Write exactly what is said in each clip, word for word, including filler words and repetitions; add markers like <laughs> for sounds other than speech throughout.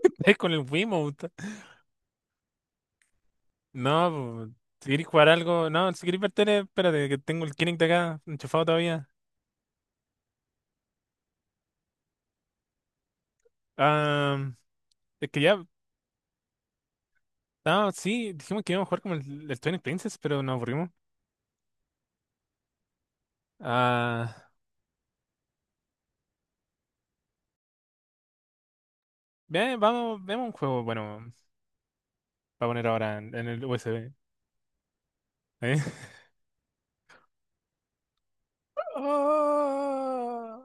<laughs> Es con el Wiimote. No, po, si queréis jugar algo. No, si queréis ver tele, espérate, que tengo el Kinect de acá enchufado todavía. Ah, es que ya. No, sí, dijimos que íbamos a jugar como el, el Twilight Princess, pero nos aburrimos. Ah, ve- vamos, vemos un juego. Bueno, va a poner ahora en, en el U S B. ¿Eh? <laughs> Oh,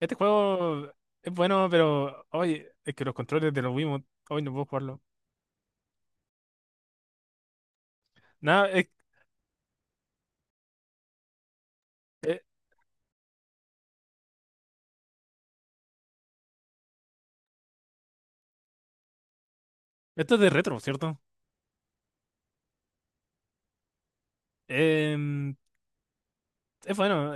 este juego es bueno, pero. Oye, es que los controles de los Wiimote. Hoy no puedo jugarlo. Nada, es, eh, esto es de retro, ¿cierto? Em, es bueno.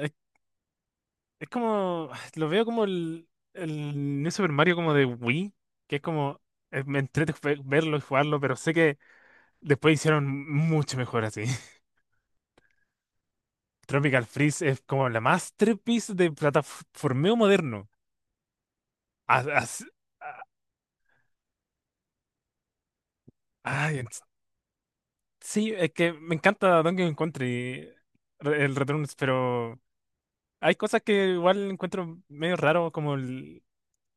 Es como, <sighs> lo veo como el, el New Super Mario como de Wii, que es como, eh, me entrete <laughs> fe- verlo y jugarlo, pero sé que después hicieron mucho mejor así. <laughs> Tropical Freeze es como la masterpiece de plataformeo moderno. A- as- ah, ay, es- sí, es que me encanta Donkey Kong Country, re- el Returns, pero hay cosas que igual encuentro medio raro, como el,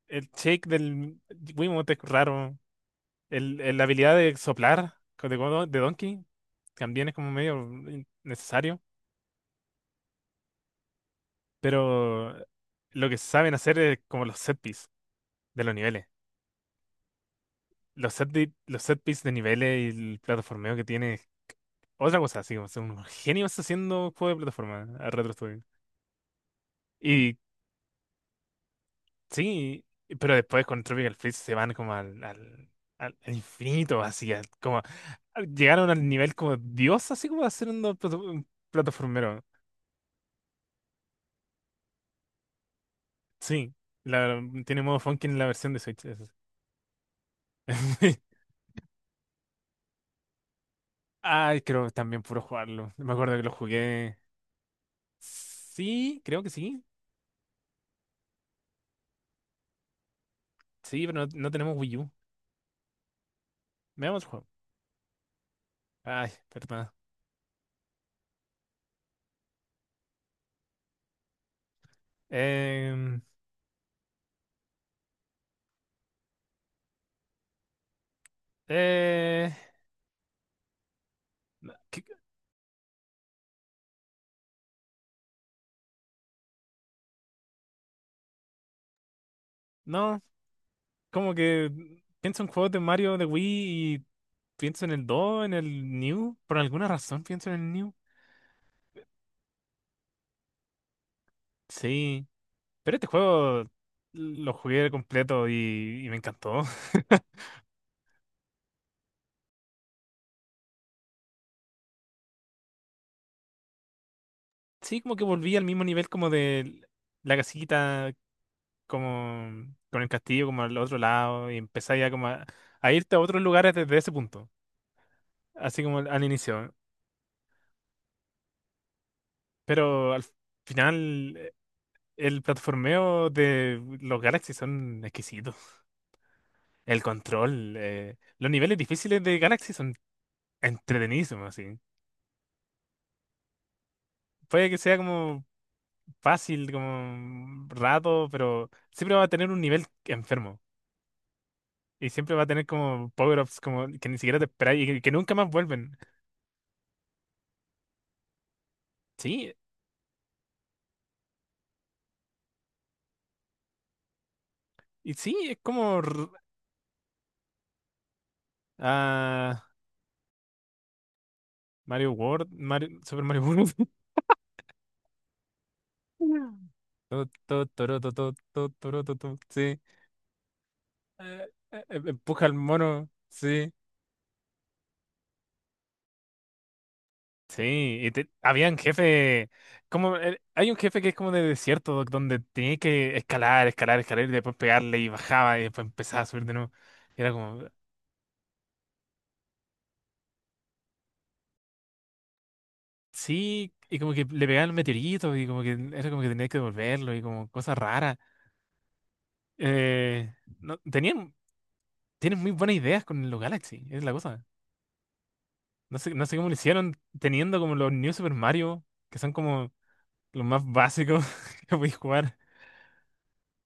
el shake del Wiimote es raro. El, el- la habilidad de soplar co- de, Godo- de Donkey también es como medio in- necesario, pero lo que saben hacer es como los set piece de los niveles. Los set, de- los set piece de niveles y el plataformeo que tiene es otra cosa, así como son unos genios haciendo juegos de plataforma a Retro Studio. Y sí, pero después con Tropical Freeze se van como al, al, al- al infinito, así a- como a- llegaron al nivel como Dios, así como haciendo un plataformero. Sí, la, tiene modo funky en la versión de Switch. Eso sí. <laughs> Ay, creo también puro jugarlo. Me acuerdo que lo jugué. Sí, creo que sí. Sí, pero no, no tenemos Wii U. Veamos el juego. Ay, perdón. Em, eh, no, ¿qué- no, como que pienso en juegos de Mario de Wii y pienso en el dos, en el New. Por alguna razón pienso en el New. Sí, pero este juego lo jugué completo y, y me encantó. <laughs> Sí, como que volví al mismo nivel como de la casita, como con el castillo, como al otro lado, y empecé ya como a, a irte a otros lugares desde ese punto, así como al, al inicio. Pero al final, eh, el platformeo de los Galaxy son exquisitos. El control, eh, los niveles difíciles de Galaxy son entretenidísimos, así. Puede que sea como fácil, como rato, pero siempre va a tener un nivel enfermo. Y siempre va a tener como power-ups como que ni siquiera te esperáis y que, que nunca más vuelven. Sí, y sí, es como r- ah, Mario World, Mario, Super Mario World. <laughs> To, to, toro, to, to, to, toro, to, to. Sí. Eh, eh, eh, empuja al mono. Sí. Sí. Y te- habían jefe. Como, el- hay un jefe que es como de desierto, doc, donde tenía que escalar, escalar, escalar y después pegarle y bajaba y después empezaba a subir de nuevo. Y era como. Sí, y como que le pegaban meteoritos y como que era como que tenías que devolverlo y como cosas raras. Eh, no, tenían, tienen muy buenas ideas con los Galaxy, es la cosa. No sé, no sé cómo lo hicieron teniendo como los New Super Mario, que son como los más básicos <laughs> que podéis jugar.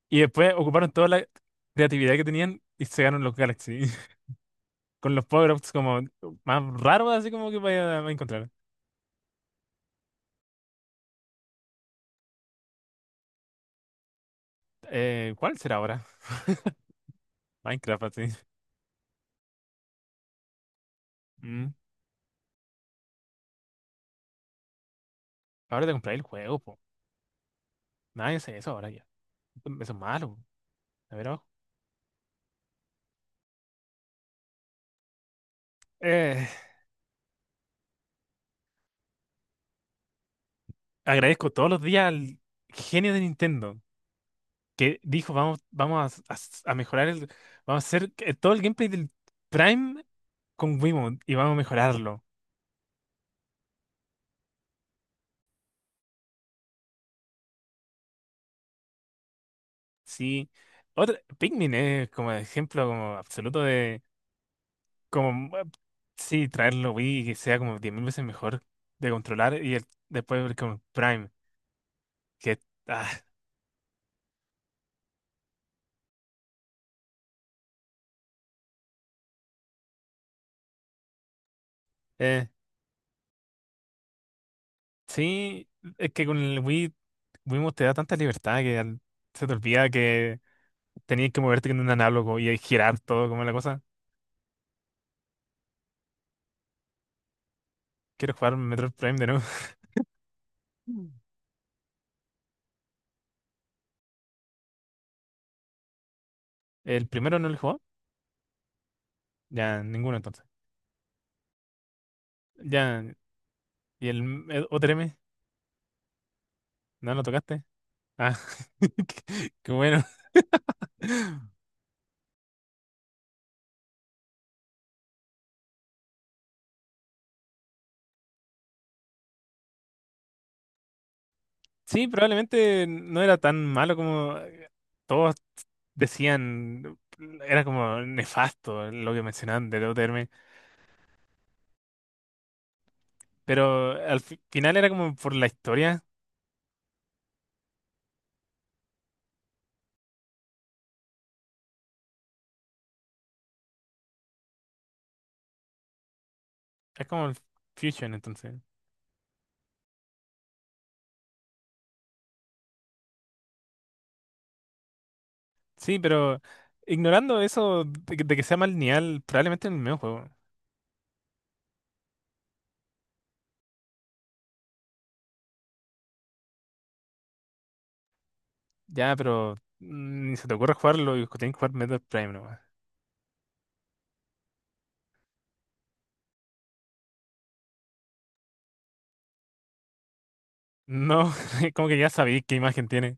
Y después ocuparon toda la creatividad que tenían y se ganaron los Galaxy. <laughs> Con los power-ups como más raros, así como que vaya a encontrar. Eh, ¿cuál será ahora? Minecraft, así. Mm, Ahora te compráis el juego, po. Nadie hace eso ahora ya. Eso es malo. A ver, ojo. Eh, agradezco todos los días al genio de Nintendo que dijo, vamos, vamos a, a- a mejorar el, vamos a hacer que todo el gameplay del Prime con Wiimote y vamos a mejorarlo. Sí. Otra, Pikmin es como ejemplo como absoluto de como eh, sí, traerlo Wii y que sea como diez mil veces mejor de controlar y el- después ver con Prime que ah, eh, sí, es que con el Wii Wiimote te da tanta libertad que al- se te olvida que tenías que moverte con un análogo y girar todo como la cosa. Quiero jugar Metroid Prime de nuevo. <laughs> Mm. ¿El primero no lo jugó? Ya, ninguno entonces. Ya, ¿y el m- el otro M? ¿No lo tocaste? Ah, <laughs> qué qué bueno. <laughs> Sí, probablemente no era tan malo como eh, todos decían. Era como nefasto lo que mencionaban de Dota Hermes. Pero al fi- final era como por la historia. Es como el Fusion, entonces. Sí, pero ignorando eso de que, de que sea mal lineal, probablemente en el mismo juego. Ya, pero mm, ni se te ocurre jugarlo y tienen que jugar Metroid Prime nomás. No, <laughs> como que ya sabéis qué imagen tiene.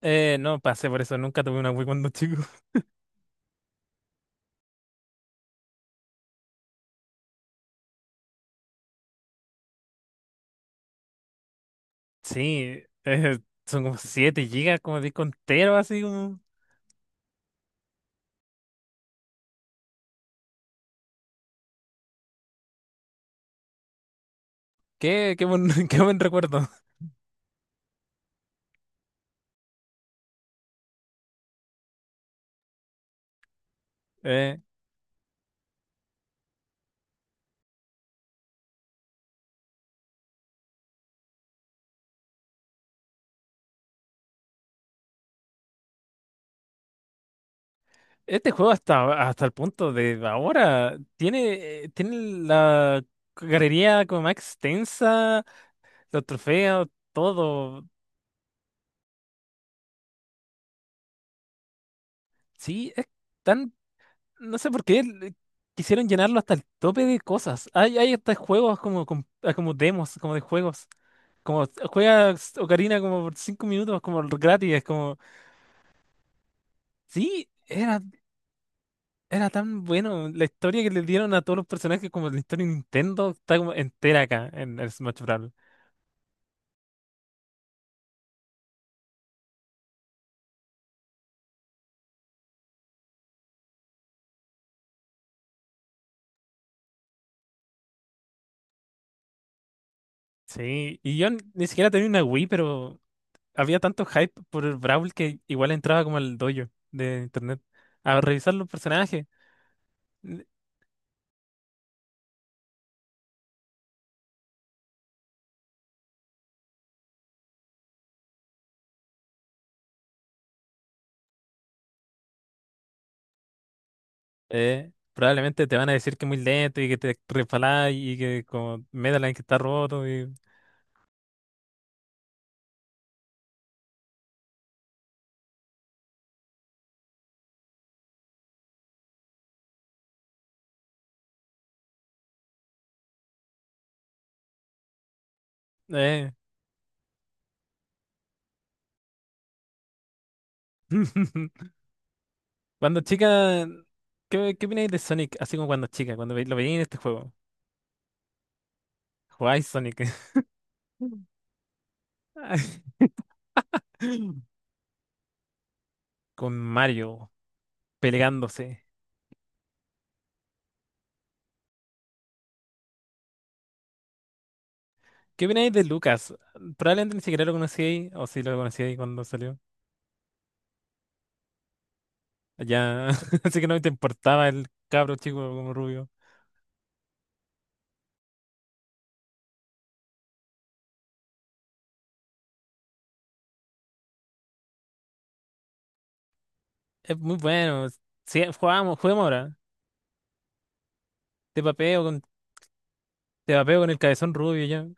Eh, no pasé por eso, nunca tuve una Wii cuando chico. Sí, eh, son como siete gigas, como disco entero, así como. Qué, qué buen, <laughs> qué buen recuerdo. Eh, este juego hasta, hasta el punto de ahora tiene, eh, tiene la galería como más extensa. Los trofeos, todo. Sí, es tan. No sé por qué le- quisieron llenarlo hasta el tope de cosas. Hay, hay hasta juegos como, com- ah, como demos, como de juegos. Como juegas Ocarina como por cinco minutos, como gratis. Es como. Sí, era, era tan bueno. La historia que le dieron a todos los personajes, como la historia de Nintendo, está como entera acá en el Smash Bros. Sí, y yo ni siquiera tenía una Wii, pero. Había tanto hype por el Brawl que igual entraba como al dojo de internet a revisar los personajes. Eh, probablemente te van a decir que es muy lento y que te resbalás y que como Medaline que está roto y... eh. <laughs> Cuando chica, ¿qué, qué opináis de Sonic? Así como cuando chica, cuando ve- lo veía en este juego. ¿Jugáis Sonic <laughs> con Mario peleándose? ¿Qué opináis de Lucas? Probablemente ni siquiera lo conocíais o si lo conocíais cuando salió. Ya, <laughs> así que no te importaba el cabro chico como rubio. Es muy bueno. Si jugamos, juguemos ahora. Te papeo con, te papeo con el cabezón rubio ya.